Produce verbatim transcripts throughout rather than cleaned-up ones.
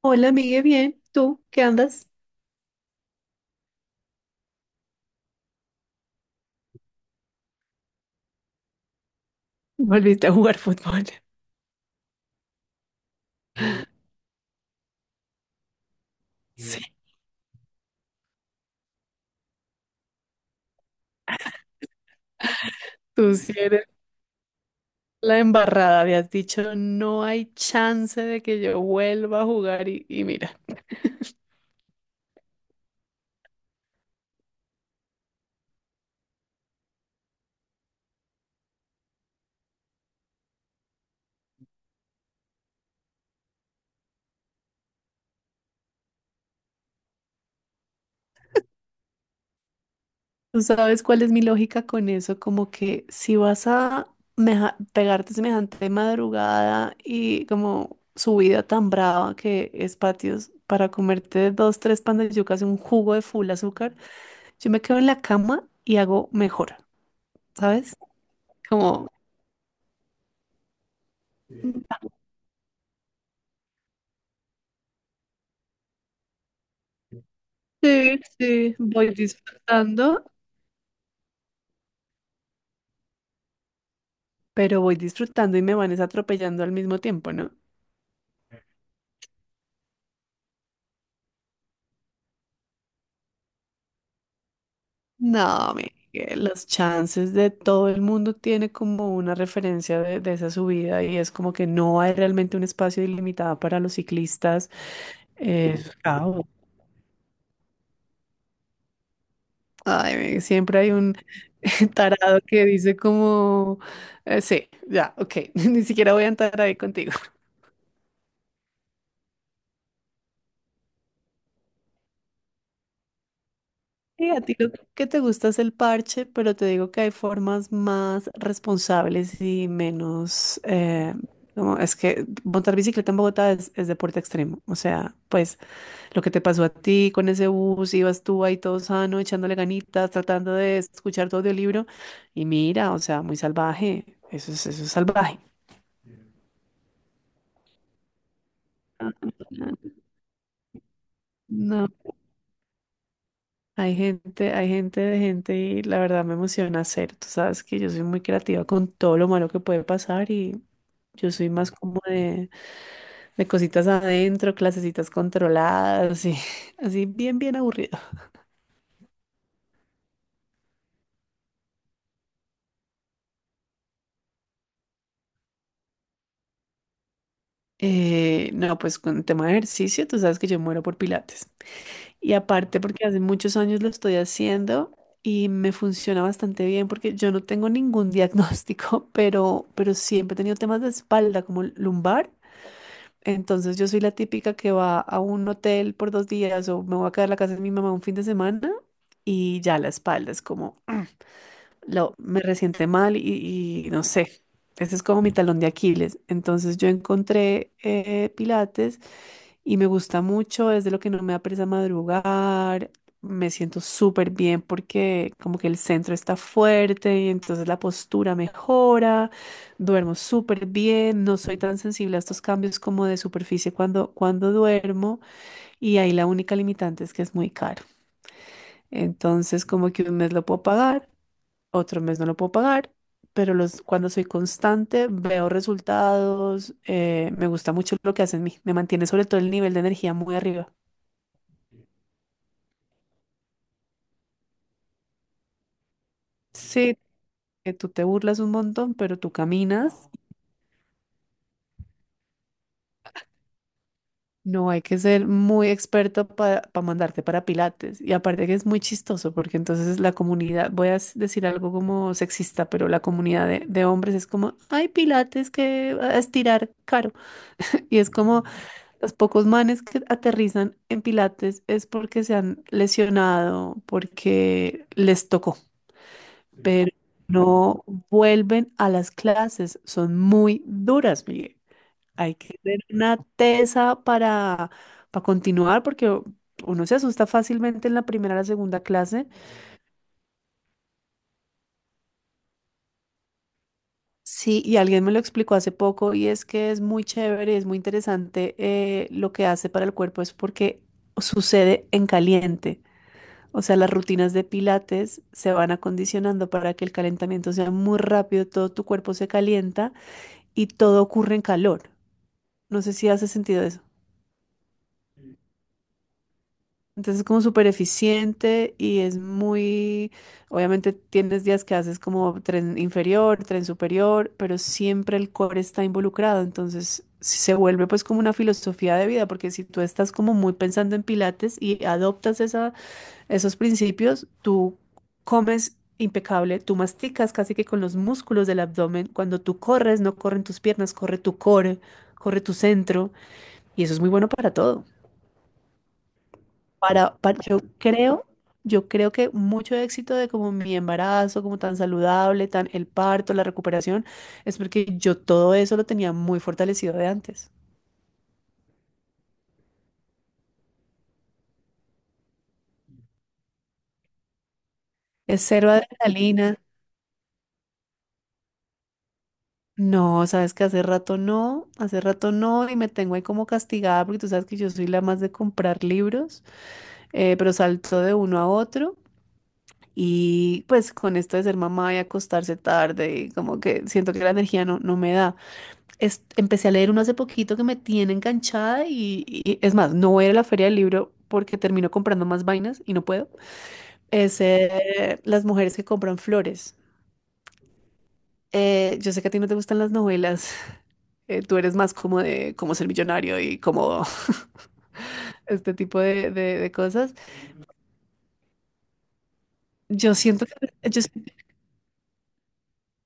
Hola, amigue, bien. ¿Tú qué andas? Volviste a jugar fútbol. Sí. Tú sí eres la embarrada. Habías dicho, no hay chance de que yo vuelva a jugar y, y mira. ¿Tú sabes cuál es mi lógica con eso? Como que si vas a meja- pegarte semejante madrugada y como subida tan brava que es patios para comerte dos, tres pan de yucas y un jugo de full azúcar, yo me quedo en la cama y hago mejor, ¿sabes? Como, mm, sí, sí, voy disfrutando, pero voy disfrutando y me van es atropellando al mismo tiempo, ¿no? No, Miguel, los chances de todo el mundo tiene como una referencia de, de esa subida y es como que no hay realmente un espacio ilimitado para los ciclistas. eh, es un caos. Ay, Miguel, siempre hay un tarado que dice como, eh, sí, ya, ok, ni siquiera voy a entrar ahí contigo. Sí, a ti lo que te gusta es el parche, pero te digo que hay formas más responsables y menos... eh, como es que montar bicicleta en Bogotá es, es deporte extremo. O sea, pues lo que te pasó a ti con ese bus, ibas tú ahí todo sano, echándole ganitas, tratando de escuchar tu audiolibro. Y mira, o sea, muy salvaje. Eso es, eso es salvaje. No. Hay gente, hay gente de gente y la verdad me emociona hacer. Tú sabes que yo soy muy creativa con todo lo malo que puede pasar y yo soy más como de, de cositas adentro, clasecitas controladas y así bien, bien aburrido. Eh, no, pues con el tema de ejercicio, tú sabes que yo muero por pilates. Y aparte porque hace muchos años lo estoy haciendo y me funciona bastante bien porque yo no tengo ningún diagnóstico, pero, pero siempre he tenido temas de espalda como lumbar. Entonces yo soy la típica que va a un hotel por dos días o me voy a quedar en la casa de mi mamá un fin de semana y ya la espalda es como, lo, me resiente mal y, y no sé, ese es como mi talón de Aquiles. Entonces yo encontré eh, Pilates y me gusta mucho, es de lo que no me apresa madrugar, me siento súper bien porque como que el centro está fuerte y entonces la postura mejora, duermo súper bien, no soy tan sensible a estos cambios como de superficie cuando, cuando duermo y ahí la única limitante es que es muy caro. Entonces como que un mes lo puedo pagar, otro mes no lo puedo pagar. Pero los, cuando soy constante, veo resultados, eh, me gusta mucho lo que hace en mí, me mantiene sobre todo el nivel de energía muy arriba. Sí, que tú te burlas un montón, pero tú caminas. No hay que ser muy experto para mandarte para Pilates. Y aparte que es muy chistoso, porque entonces la comunidad, voy a s- decir algo como sexista, pero la comunidad de, de hombres es como, ay, Pilates, que a estirar caro. Y es como los pocos manes que aterrizan en Pilates es porque se han lesionado, porque les tocó. Pero no vuelven a las clases, son muy duras, Miguel. Hay que tener una tesa para, para continuar porque uno se asusta fácilmente en la primera o la segunda clase. Sí, y alguien me lo explicó hace poco y es que es muy chévere, es muy interesante eh, lo que hace para el cuerpo, es porque sucede en caliente. O sea, las rutinas de pilates se van acondicionando para que el calentamiento sea muy rápido, todo tu cuerpo se calienta y todo ocurre en calor. No sé si hace sentido eso. Entonces es como súper eficiente y es muy, obviamente tienes días que haces como tren inferior, tren superior, pero siempre el core está involucrado. Entonces sí se vuelve pues como una filosofía de vida, porque si tú estás como muy pensando en pilates y adoptas esa, esos principios, tú comes impecable, tú masticas casi que con los músculos del abdomen. Cuando tú corres, no corren tus piernas, corre tu core, corre tu centro y eso es muy bueno para todo. Para, para, yo creo, yo creo que mucho éxito de como mi embarazo, como tan saludable, tan el parto, la recuperación, es porque yo todo eso lo tenía muy fortalecido de antes. Es cero adrenalina. No, sabes que hace rato no, hace rato no, y me tengo ahí como castigada porque tú sabes que yo soy la más de comprar libros, eh, pero salto de uno a otro. Y pues con esto de ser mamá y acostarse tarde, y como que siento que la energía no, no me da. Es- empecé a leer uno hace poquito que me tiene enganchada y, y- es más, no voy a ir a la feria del libro porque termino comprando más vainas y no puedo. Es eh, Las mujeres que compran flores. Eh, yo sé que a ti no te gustan las novelas. Eh, tú eres más como de cómo ser millonario y como este tipo de, de- de cosas. Yo siento que, yo-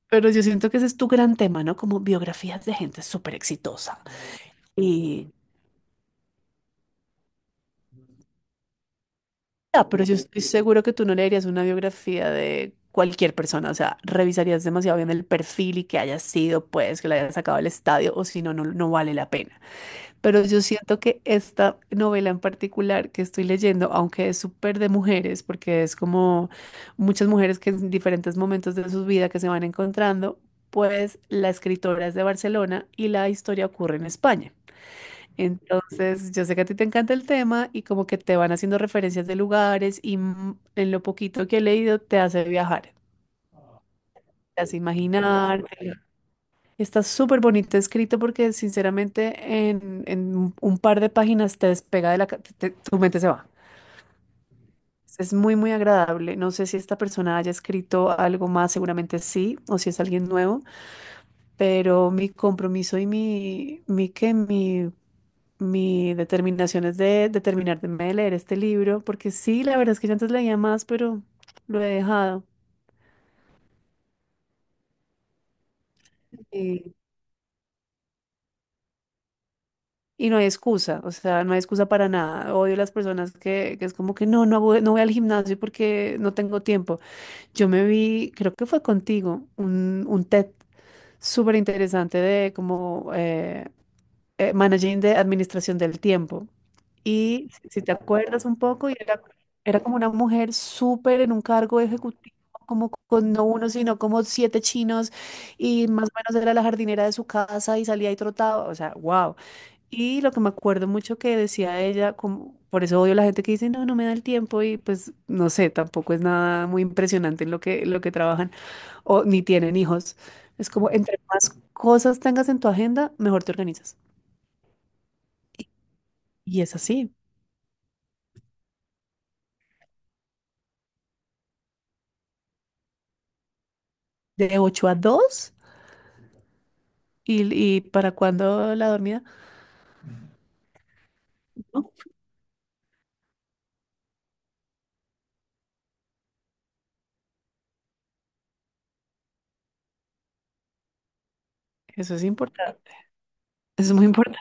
Pero yo siento que ese es tu gran tema, ¿no? Como biografías de gente súper exitosa. y Ah, pero yo estoy seguro que tú no leerías una biografía de cualquier persona, o sea, revisarías demasiado bien el perfil y que haya sido, pues, que la hayas sacado del estadio, o si no, no, no vale la pena. Pero yo siento que esta novela en particular que estoy leyendo, aunque es súper de mujeres, porque es como muchas mujeres que en diferentes momentos de su vida que se van encontrando, pues la escritora es de Barcelona y la historia ocurre en España. Entonces, yo sé que a ti te encanta el tema y como que te van haciendo referencias de lugares y mm, en lo poquito que he leído te hace viajar, te hace imaginar. te- Está súper bonito escrito porque sinceramente en, en un un par de páginas te despega de la... ca- te- te- tu mente se va. Es muy, muy agradable. No sé si esta persona haya escrito algo más, seguramente sí, o si es alguien nuevo, pero mi compromiso y mi, mi, ¿qué? Mi Mi determinación es de determinarme de leer este libro, porque sí, la verdad es que yo antes leía más, pero lo he dejado. Y, y no hay excusa, o sea, no hay excusa para nada. Odio las personas que, que es como que no, no voy, no voy al gimnasio porque no tengo tiempo. Yo me vi, creo que fue contigo, un, un T E D súper interesante de como eh, eh, Managing de Administración del Tiempo. Y si si te acuerdas un poco, y era, era como una mujer súper en un cargo ejecutivo, como con no uno, sino como siete chinos, y más o menos era la jardinera de su casa y salía y trotaba, o sea, wow. Y lo que me acuerdo mucho que decía ella, como, por eso odio la gente que dice, no, no me da el tiempo, y pues no sé, tampoco es nada muy impresionante en lo que, lo que trabajan, o ni tienen hijos. Es como, entre más cosas tengas en tu agenda, mejor te organizas. Y es así, de ocho a dos y, y para cuándo la dormida. No, eso es importante, eso es muy importante.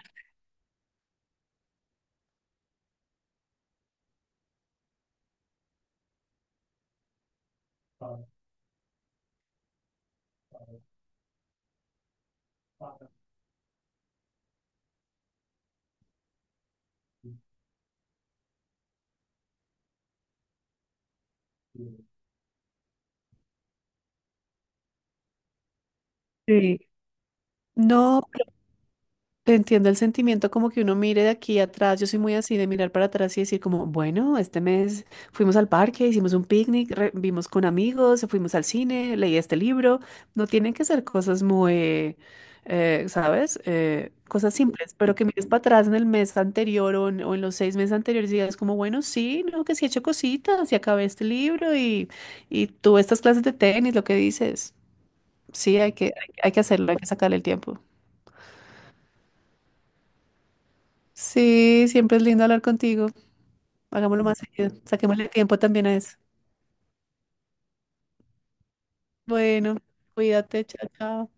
Sí. No, te entiendo el sentimiento como que uno mire de aquí atrás. Yo soy muy así de mirar para atrás y decir como, bueno, este mes fuimos al parque, hicimos un picnic, re- vimos con amigos, fuimos al cine, leí este libro. No tienen que ser cosas muy, eh, ¿sabes? Eh, cosas simples, pero que mires para atrás en el mes anterior o en, o en los seis meses anteriores y digas como, bueno, sí, no, que sí he hecho cositas y acabé este libro y, y tuve estas clases de tenis, lo que dices. Sí, hay que, hay que hacerlo, hay que sacarle el tiempo. Sí, siempre es lindo hablar contigo. Hagámoslo más seguido. Saquémosle tiempo también a eso. Bueno, cuídate, chao, chao.